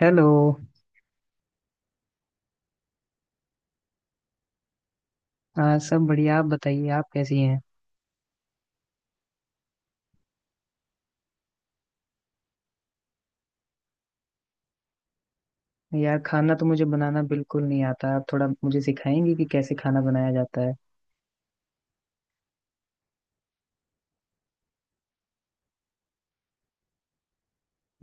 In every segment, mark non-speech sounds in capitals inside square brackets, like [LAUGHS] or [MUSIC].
Hello. हाँ सब बढ़िया। आप बताइए, आप कैसी हैं? यार खाना तो मुझे बनाना बिल्कुल नहीं आता। आप थोड़ा मुझे सिखाएंगे कि कैसे खाना बनाया जाता है?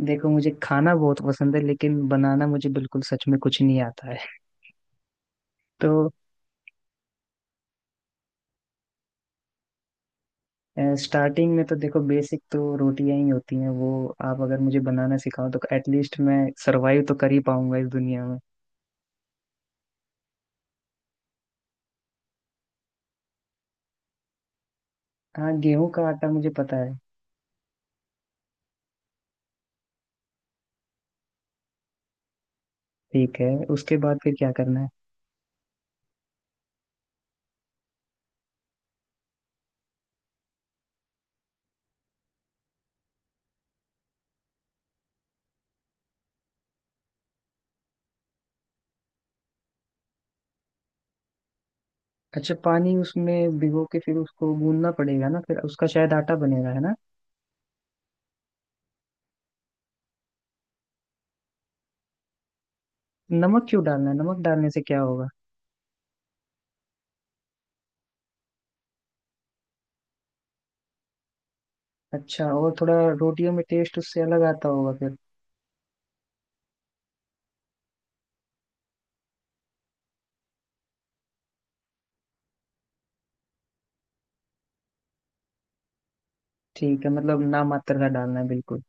देखो, मुझे खाना बहुत पसंद है, लेकिन बनाना मुझे बिल्कुल, सच में कुछ नहीं आता है। [LAUGHS] तो स्टार्टिंग में तो देखो, बेसिक तो रोटियां ही होती हैं वो। आप अगर मुझे बनाना सिखाओ तो एटलीस्ट मैं सरवाइव तो कर ही पाऊंगा इस दुनिया में। हाँ गेहूं का आटा मुझे पता है। ठीक है, उसके बाद फिर क्या करना है? अच्छा, पानी उसमें भिगो के फिर उसको गूंदना पड़ेगा ना, फिर उसका शायद आटा बनेगा, है ना? नमक क्यों डालना है? नमक डालने से क्या होगा? अच्छा, और थोड़ा रोटियों में टेस्ट उससे अलग आता होगा फिर। ठीक है, मतलब ना मात्र का डालना है बिल्कुल।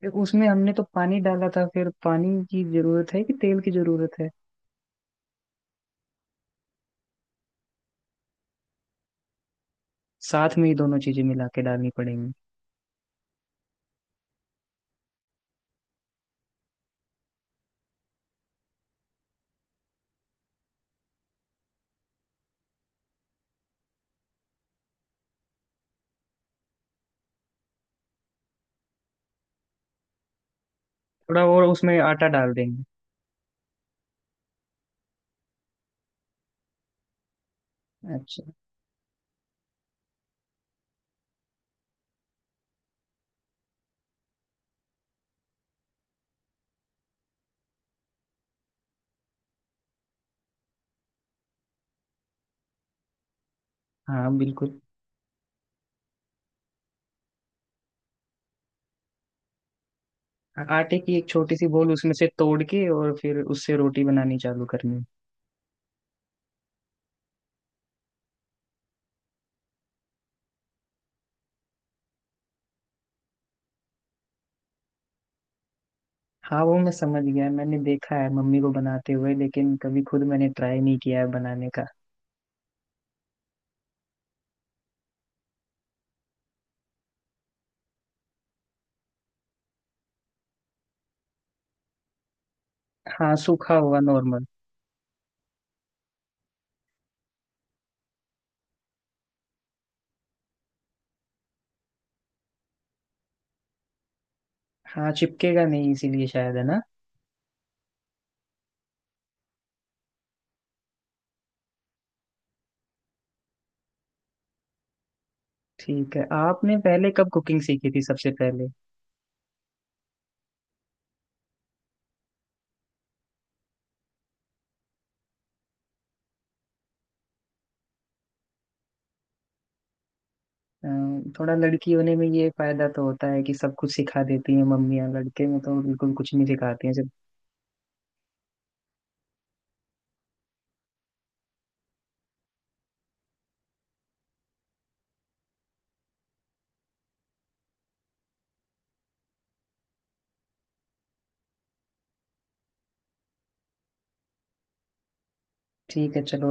फिर उसमें हमने तो पानी डाला था, फिर पानी की जरूरत है कि तेल की जरूरत है? साथ में ही दोनों चीजें मिला के डालनी पड़ेंगी? थोड़ा और उसमें आटा डाल देंगे। अच्छा। हाँ बिल्कुल। आटे की एक छोटी सी बोल उसमें से तोड़ के और फिर उससे रोटी बनानी चालू करनी? हाँ वो मैं समझ गया। मैंने देखा है मम्मी को बनाते हुए, लेकिन कभी खुद मैंने ट्राई नहीं किया है बनाने का। हाँ सूखा होगा नॉर्मल। हाँ चिपकेगा नहीं इसीलिए, शायद, है ना? ठीक है। आपने पहले कब कुकिंग सीखी थी सबसे पहले? थोड़ा लड़की होने में ये फायदा तो होता है कि सब कुछ सिखा देती हैं मम्मियाँ। लड़के में तो बिल्कुल कुछ नहीं सिखाती हैं जब। ठीक है, चलो।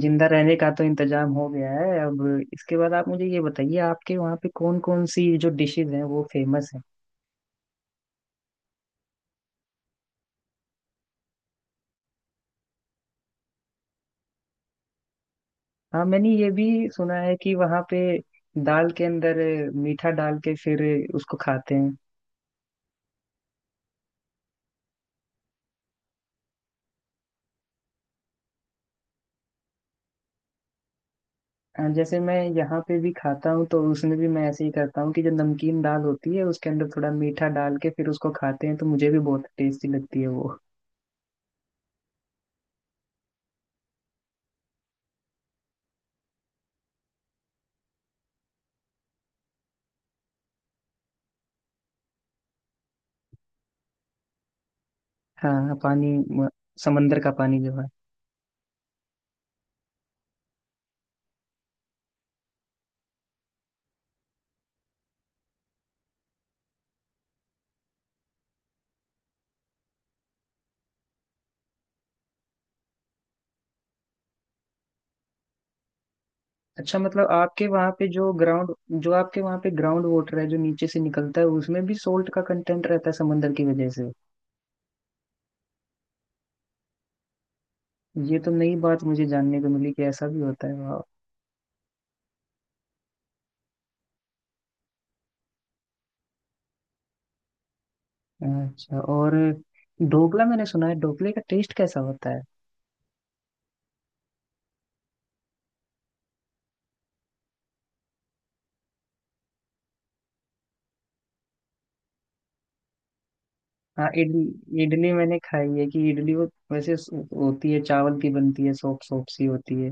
जिंदा रहने का तो इंतजाम हो गया है अब। इसके बाद आप मुझे ये बताइए, आपके वहाँ पे कौन कौन सी जो डिशेज हैं वो फेमस हैं? हाँ, मैंने ये भी सुना है कि वहाँ पे दाल के अंदर मीठा डाल के फिर उसको खाते हैं। जैसे मैं यहाँ पे भी खाता हूँ, तो उसमें भी मैं ऐसे ही करता हूँ कि जो नमकीन दाल होती है उसके अंदर थोड़ा मीठा डाल के फिर उसको खाते हैं, तो मुझे भी बहुत टेस्टी लगती है वो। हाँ पानी समंदर का पानी जो है। अच्छा, मतलब आपके वहाँ पे जो ग्राउंड, जो आपके वहाँ पे ग्राउंड वाटर है जो नीचे से निकलता है उसमें भी सोल्ट का कंटेंट रहता है समंदर की वजह से? ये तो नई बात मुझे जानने को मिली कि ऐसा भी होता है, वाह। अच्छा, और ढोकला, मैंने सुना है, ढोकले का टेस्ट कैसा होता है? हाँ इडली, इडली मैंने खाई है। कि इडली वो वैसे होती है चावल की, बनती है, सोप सोप सी होती है।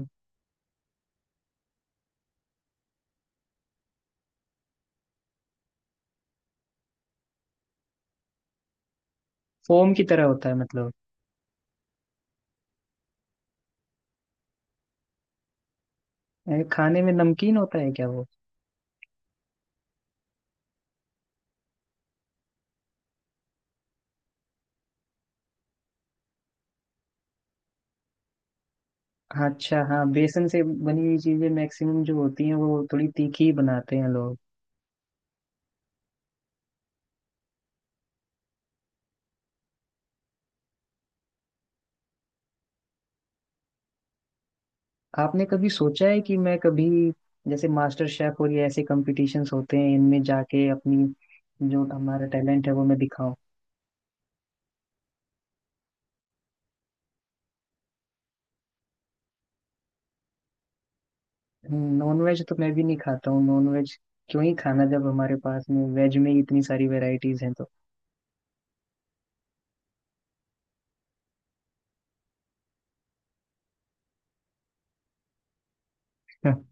फोम की तरह होता है मतलब? अरे, खाने में नमकीन होता है क्या वो? हाँ, अच्छा, हाँ बेसन से बनी हुई चीजें मैक्सिमम जो होती हैं वो थोड़ी तीखी ही बनाते हैं लोग। आपने कभी सोचा है कि मैं कभी, जैसे मास्टर शेफ और ये ऐसे कंपटीशंस होते हैं, इनमें जाके अपनी जो हमारा टैलेंट है वो मैं दिखाऊं? नॉन वेज तो मैं भी नहीं खाता हूँ। नॉन वेज क्यों ही खाना जब हमारे पास में वेज में ही इतनी सारी वेराइटीज हैं तो? हम्म।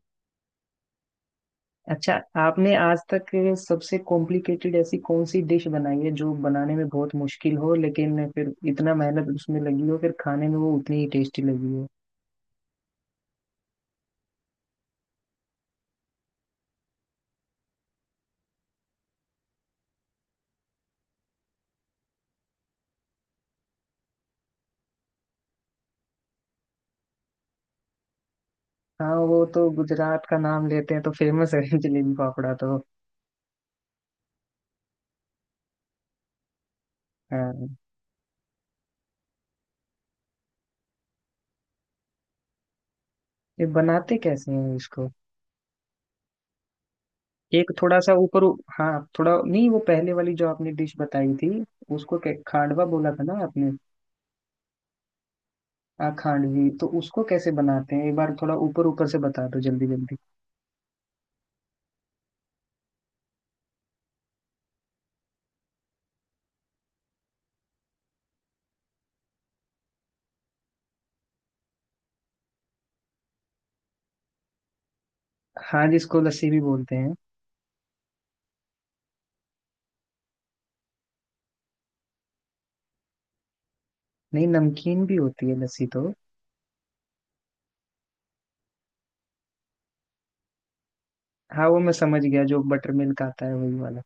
अच्छा, आपने आज तक सबसे कॉम्प्लिकेटेड ऐसी कौन सी डिश बनाई है जो बनाने में बहुत मुश्किल हो, लेकिन फिर इतना मेहनत उसमें लगी हो, फिर खाने में वो उतनी ही टेस्टी लगी हो? हाँ वो तो गुजरात का नाम लेते हैं तो फेमस है। [LAUGHS] जलेबी फाफड़ा तो हाँ। ये बनाते कैसे हैं इसको? एक थोड़ा सा ऊपर, हाँ, थोड़ा नहीं, वो पहले वाली जो आपने डिश बताई थी उसको खांडवा बोला था ना आपने? हाँ खांडवी, तो उसको कैसे बनाते हैं? एक बार थोड़ा ऊपर ऊपर से बता दो जल्दी जल्दी। हाँ, जिसको लस्सी भी बोलते हैं? नहीं, नमकीन भी होती है लस्सी तो। हाँ वो मैं समझ गया, जो बटर मिल्क आता है वही वाला।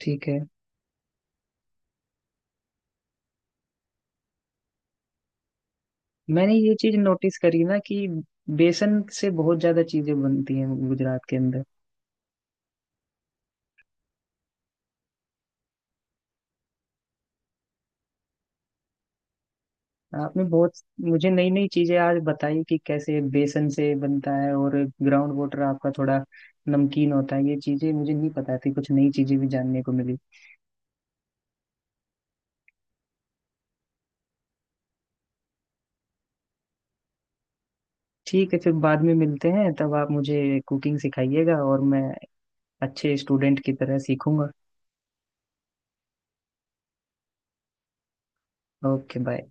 ठीक है। मैंने ये चीज नोटिस करी ना कि बेसन से बहुत ज्यादा चीजें बनती हैं गुजरात के अंदर। आपने बहुत मुझे नई नई चीजें आज बताई कि कैसे बेसन से बनता है, और ग्राउंड वाटर आपका थोड़ा नमकीन होता है। ये चीजें मुझे नहीं पता थी, कुछ नई चीजें भी जानने को मिली। ठीक है, फिर बाद में मिलते हैं। तब आप मुझे कुकिंग सिखाइएगा और मैं अच्छे स्टूडेंट की तरह सीखूंगा। Okay, bye.